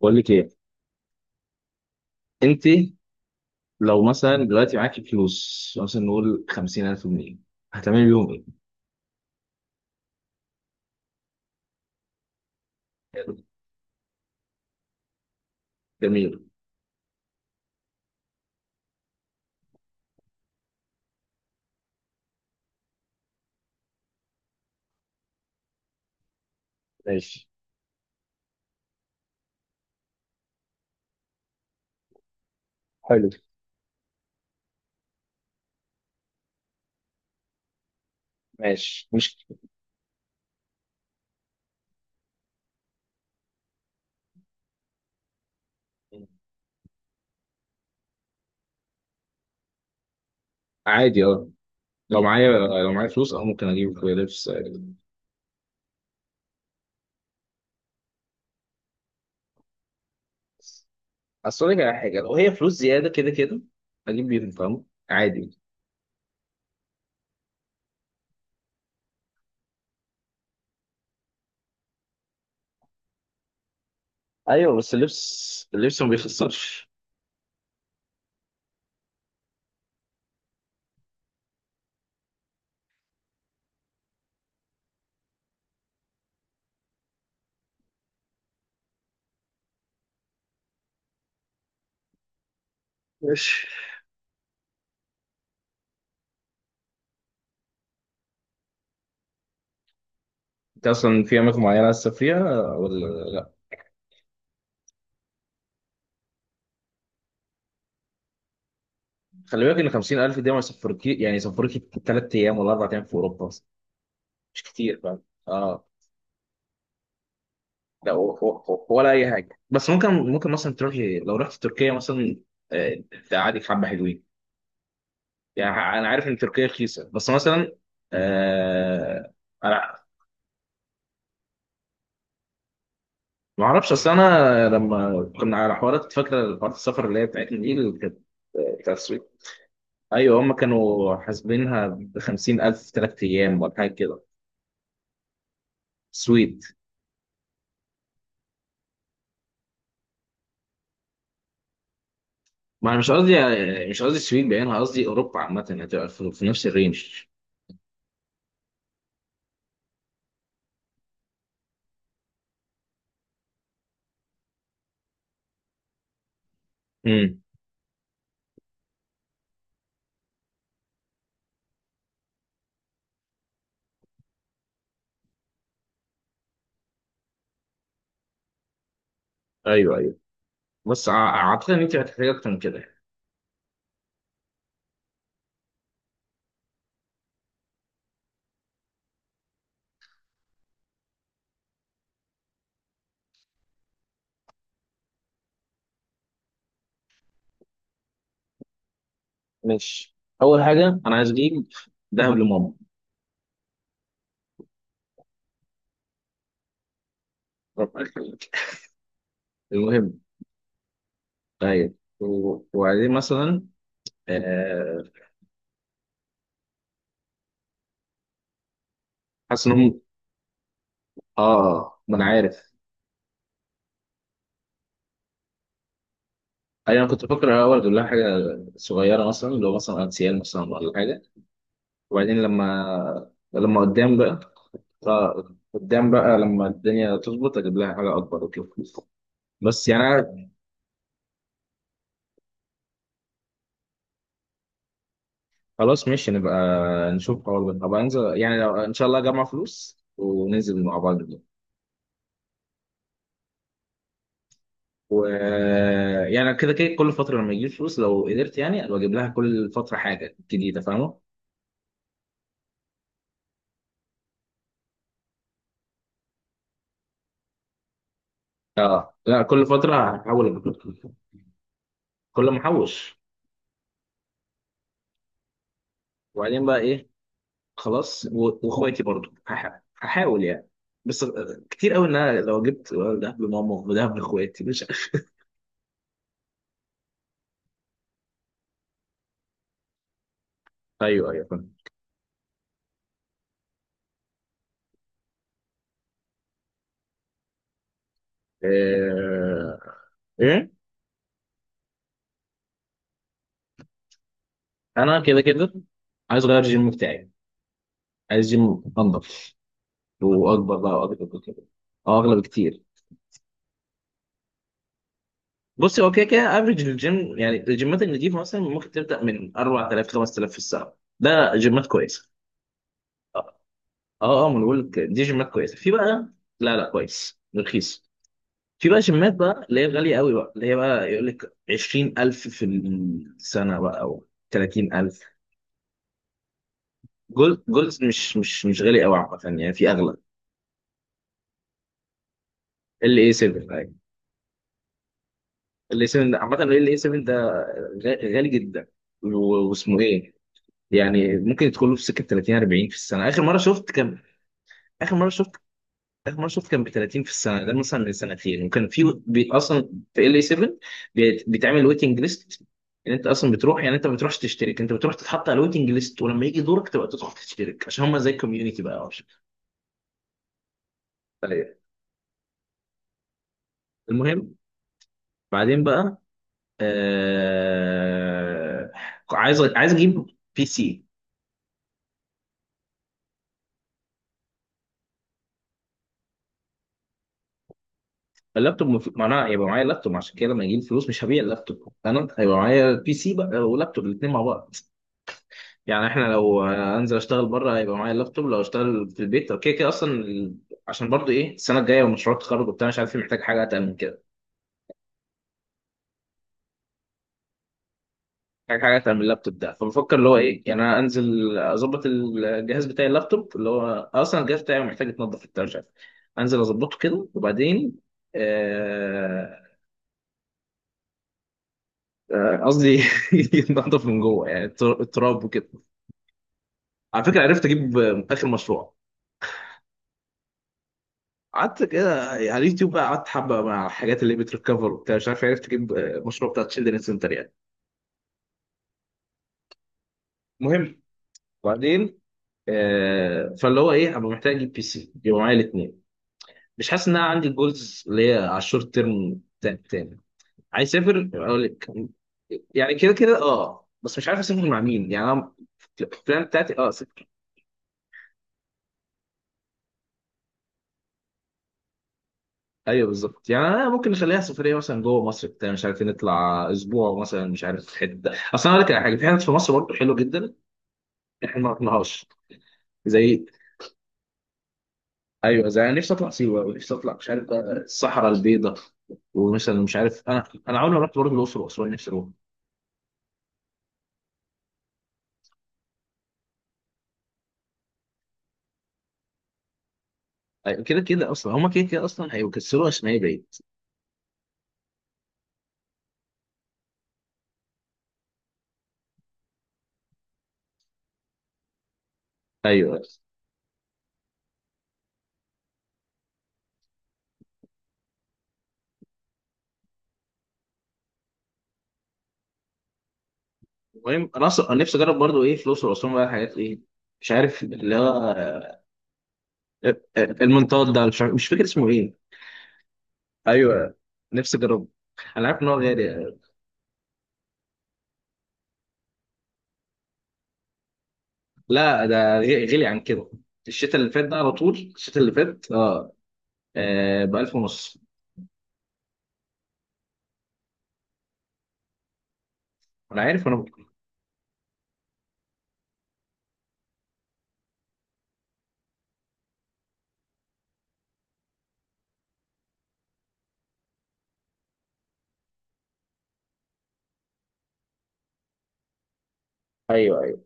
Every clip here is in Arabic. بقول لك ايه انت؟ لو مثلا دلوقتي معاكي فلوس مثلا نقول 50000 جنيه، هتعملي بيهم ايه؟ حلو. جميل. ماشي. حلو. ماشي. مش. عادي اه. لو معايا لو معايا فلوس اه ممكن اجيب لبس. اصل اقول لك على حاجه، لو هي فلوس زياده كده كده اجيب بيهم، فاهم؟ عادي. ايوه، بس اللبس اللبس ما بيخسرش. ماشي. انت اصلا في اماكن معينه عايز تسافريها ولا لا؟ خلي بالك ان 50000 دي ما يسافركي، يعني يسافركي ثلاث ايام ولا اربع ايام في اوروبا، مش كتير، فاهم؟ اه. لا، ولا اي حاجه، بس ممكن مثلا تروح، لو رحت تركيا مثلا آه، تقعدك حبه حلوين يعني. انا عارف ان تركيا رخيصه، بس مثلا آه انا ما اعرفش. اصل انا لما كنا على حوارات، فاكره حوارات السفر اللي هي بتاعتنا دي اللي كانت بتاع السويد. ايوه، هم كانوا حاسبينها ب 50000 في ثلاث ايام ولا حاجه كده. سويد. ما انا مش قصدي السويد بعينها، قصدي اوروبا عامه، هتبقى في نفس الرينج. امم ايوه ايوه. بص، اعتقد ان انت هتحتاج اكتر من كده. ماشي. اول حاجه انا عايز اجيب ذهب لماما. ربنا يخليك. المهم، طيب وبعدين مثلا آه، حاسس انهم اه ما انا عارف. ايوه، انا كنت بفكر الاول اجيب لها حاجه صغيره، مثلا اللي هو مثلا انسيال مثلا ولا حاجه. وبعدين لما قدام بقى، ف- قدام بقى لما الدنيا تظبط اجيب لها حاجه اكبر وكده. بس يعني خلاص. ماشي، نبقى نشوف قرار ده. طب انزل يعني لو ان شاء الله اجمع فلوس وننزل مع بعض دي. و يعني كده كده كل فتره لما يجيب فلوس، لو قدرت يعني ابقى اجيب لها كل فتره حاجه جديده، فاهمه؟ اه لا، كل فتره هحاول أجيب. كل ما احوش. وبعدين بقى ايه؟ خلاص واخواتي برضو هحاول يعني. بس كتير قوي ان انا لو جبت دهب لماما ودهب لاخواتي مش ايوه ايوه فاهم. آه، ايه، انا كده كده عايز اغير الجيم بتاعي. عايز جيم انضف واكبر بقى، واكبر وكده. اه اغلى بكتير. بص، هو كده كده افريج الجيم، يعني الجيمات النضيفه مثلا ممكن تبدا من 4000 5000 في الساعه، ده جيمات كويسه. اه. اه ما انا بقول لك دي جيمات كويسه. في بقى لا لا، كويس رخيص. في بقى جيمات بقى اللي هي غاليه قوي بقى، اللي هي بقى يقول لك 20000 في السنه بقى، او 30000. جولد، جولد مش مش غالي قوي عامه، يعني في اغلى. ال اي 7. الاي 7 ده عامة الاي 7 ده غالي جدا. واسمه ايه؟ يعني ممكن يدخل له في سكة 30 40 في السنة. آخر مرة شفت كان، آخر مرة شفت آخر مرة شفت كان ب 30 في السنة، ده مثلا من سنتين. وكان في بي... أصلا في ال اي 7 بي... بيتعمل ويتنج ليست، ان انت اصلا بتروح، يعني انت ما بتروحش تشترك، انت بتروح تتحط على الويتنج ليست، ولما يجي دورك تبقى تدخل تشترك، عشان هم زي الكوميونتي بقى أو شيء. طيب. المهم، بعدين بقى آه... عايز اجيب بي سي. اللابتوب مف... معناها يبقى معايا لابتوب، عشان كده لما يجي لي فلوس مش هبيع اللابتوب. انا هيبقى معايا بي سي بقى ولابتوب الاثنين مع بعض. يعني احنا لو انزل اشتغل بره هيبقى معايا اللابتوب. لو اشتغل في البيت اوكي كده اصلا عشان برضو ايه السنه الجايه ومشروع التخرج وبتاع مش عارف إيه، محتاج حاجه اتعمل كده. محتاج حاجه اتعمل اللابتوب ده. فبفكر اللي هو ايه، يعني انا انزل اظبط الجهاز بتاعي اللابتوب، اللي هو اصلا الجهاز بتاعي محتاج يتنضف وبتاع مش عارف. انزل اظبطه كده وبعدين آه، قصدي يتنضف من جوه، يعني التراب. على فكره عرفت اجيب اخر مشروع. قعدت كده على اليوتيوب بقى، قعدت حبه مع الحاجات اللي بتريكفر وبتاع مش عارف. عرفت اجيب مشروع بتاع تشيلدرن سنتر يعني. المهم، وبعدين فاللي هو ايه، ابقى محتاج اجيب بي سي، يبقى معايا الاثنين. مش حاسس ان انا عندي الجولز اللي هي على الشورت تيرم تاني. عايز اسافر، يبقى اقول لك يعني كده كده اه. بس مش عارف اسافر مع مين يعني. انا البلان بتاعتي اه. ايوه بالظبط، يعني انا ممكن نخليها سفريه مثلا جوه مصر بتاع مش عارفين، نطلع اسبوع مثلا مش عارف حته. اصل انا اقول لك على حاجه، في حتت في مصر برضه حلوه جدا. احنا ما رحناهاش. زي، ايوه، زي، انا نفسي اطلع سيوه ونفسي اطلع مش عارف بقى الصحراء البيضاء. ومثلا مش عارف، انا عمري ما رحت برضه الاقصر واسوان، نفسي اروح. أيوة، كده كده اصلا هما كده كده اصلا هيكسروا اسماعيل بعيد. ايوه. المهم انا اصلا أنا نفسي اجرب برضه ايه في الاقصر واسوان بقى، حاجات ايه مش عارف اللي هو المنطاد ده، مش فاكر اسمه ايه. ايوه، نفسي اجربه. انا عارف ان هو غالي. لا ده غلي عن كده. الشتاء اللي فات ده على طول، الشتاء اللي فات ب 1000 ونص. انا عارف، انا ممكن. ايوه ايوه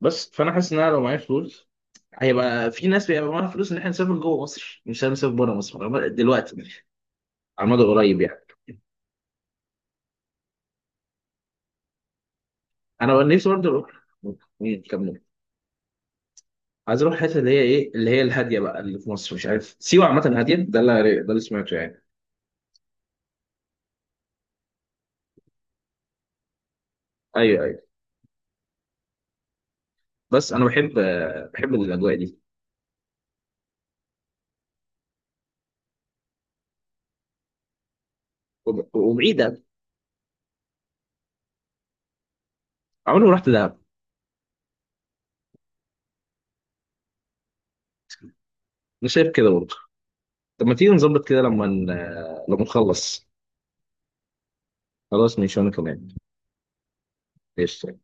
بس فانا حاسس ان انا لو معايا فلوس هيبقى في ناس بيبقى معاها فلوس ان احنا نسافر جوه مصر، مش هنسافر بره مصر دلوقتي على المدى القريب يعني. انا نفسي برضه اروح. كمل. عايز اروح الحته اللي هي ايه، اللي هي الهاديه بقى، اللي في مصر. مش عارف، سيوه عامه هاديه، ده اللي سمعته يعني. ايوه ايوه، بس انا بحب بحب الاجواء دي. وبعيدة. عمري ما رحت دهب. انا شايف كده برضه. طب ما تيجي نظبط كده لما نخلص. خلاص ماشي وانا كمان. ايش.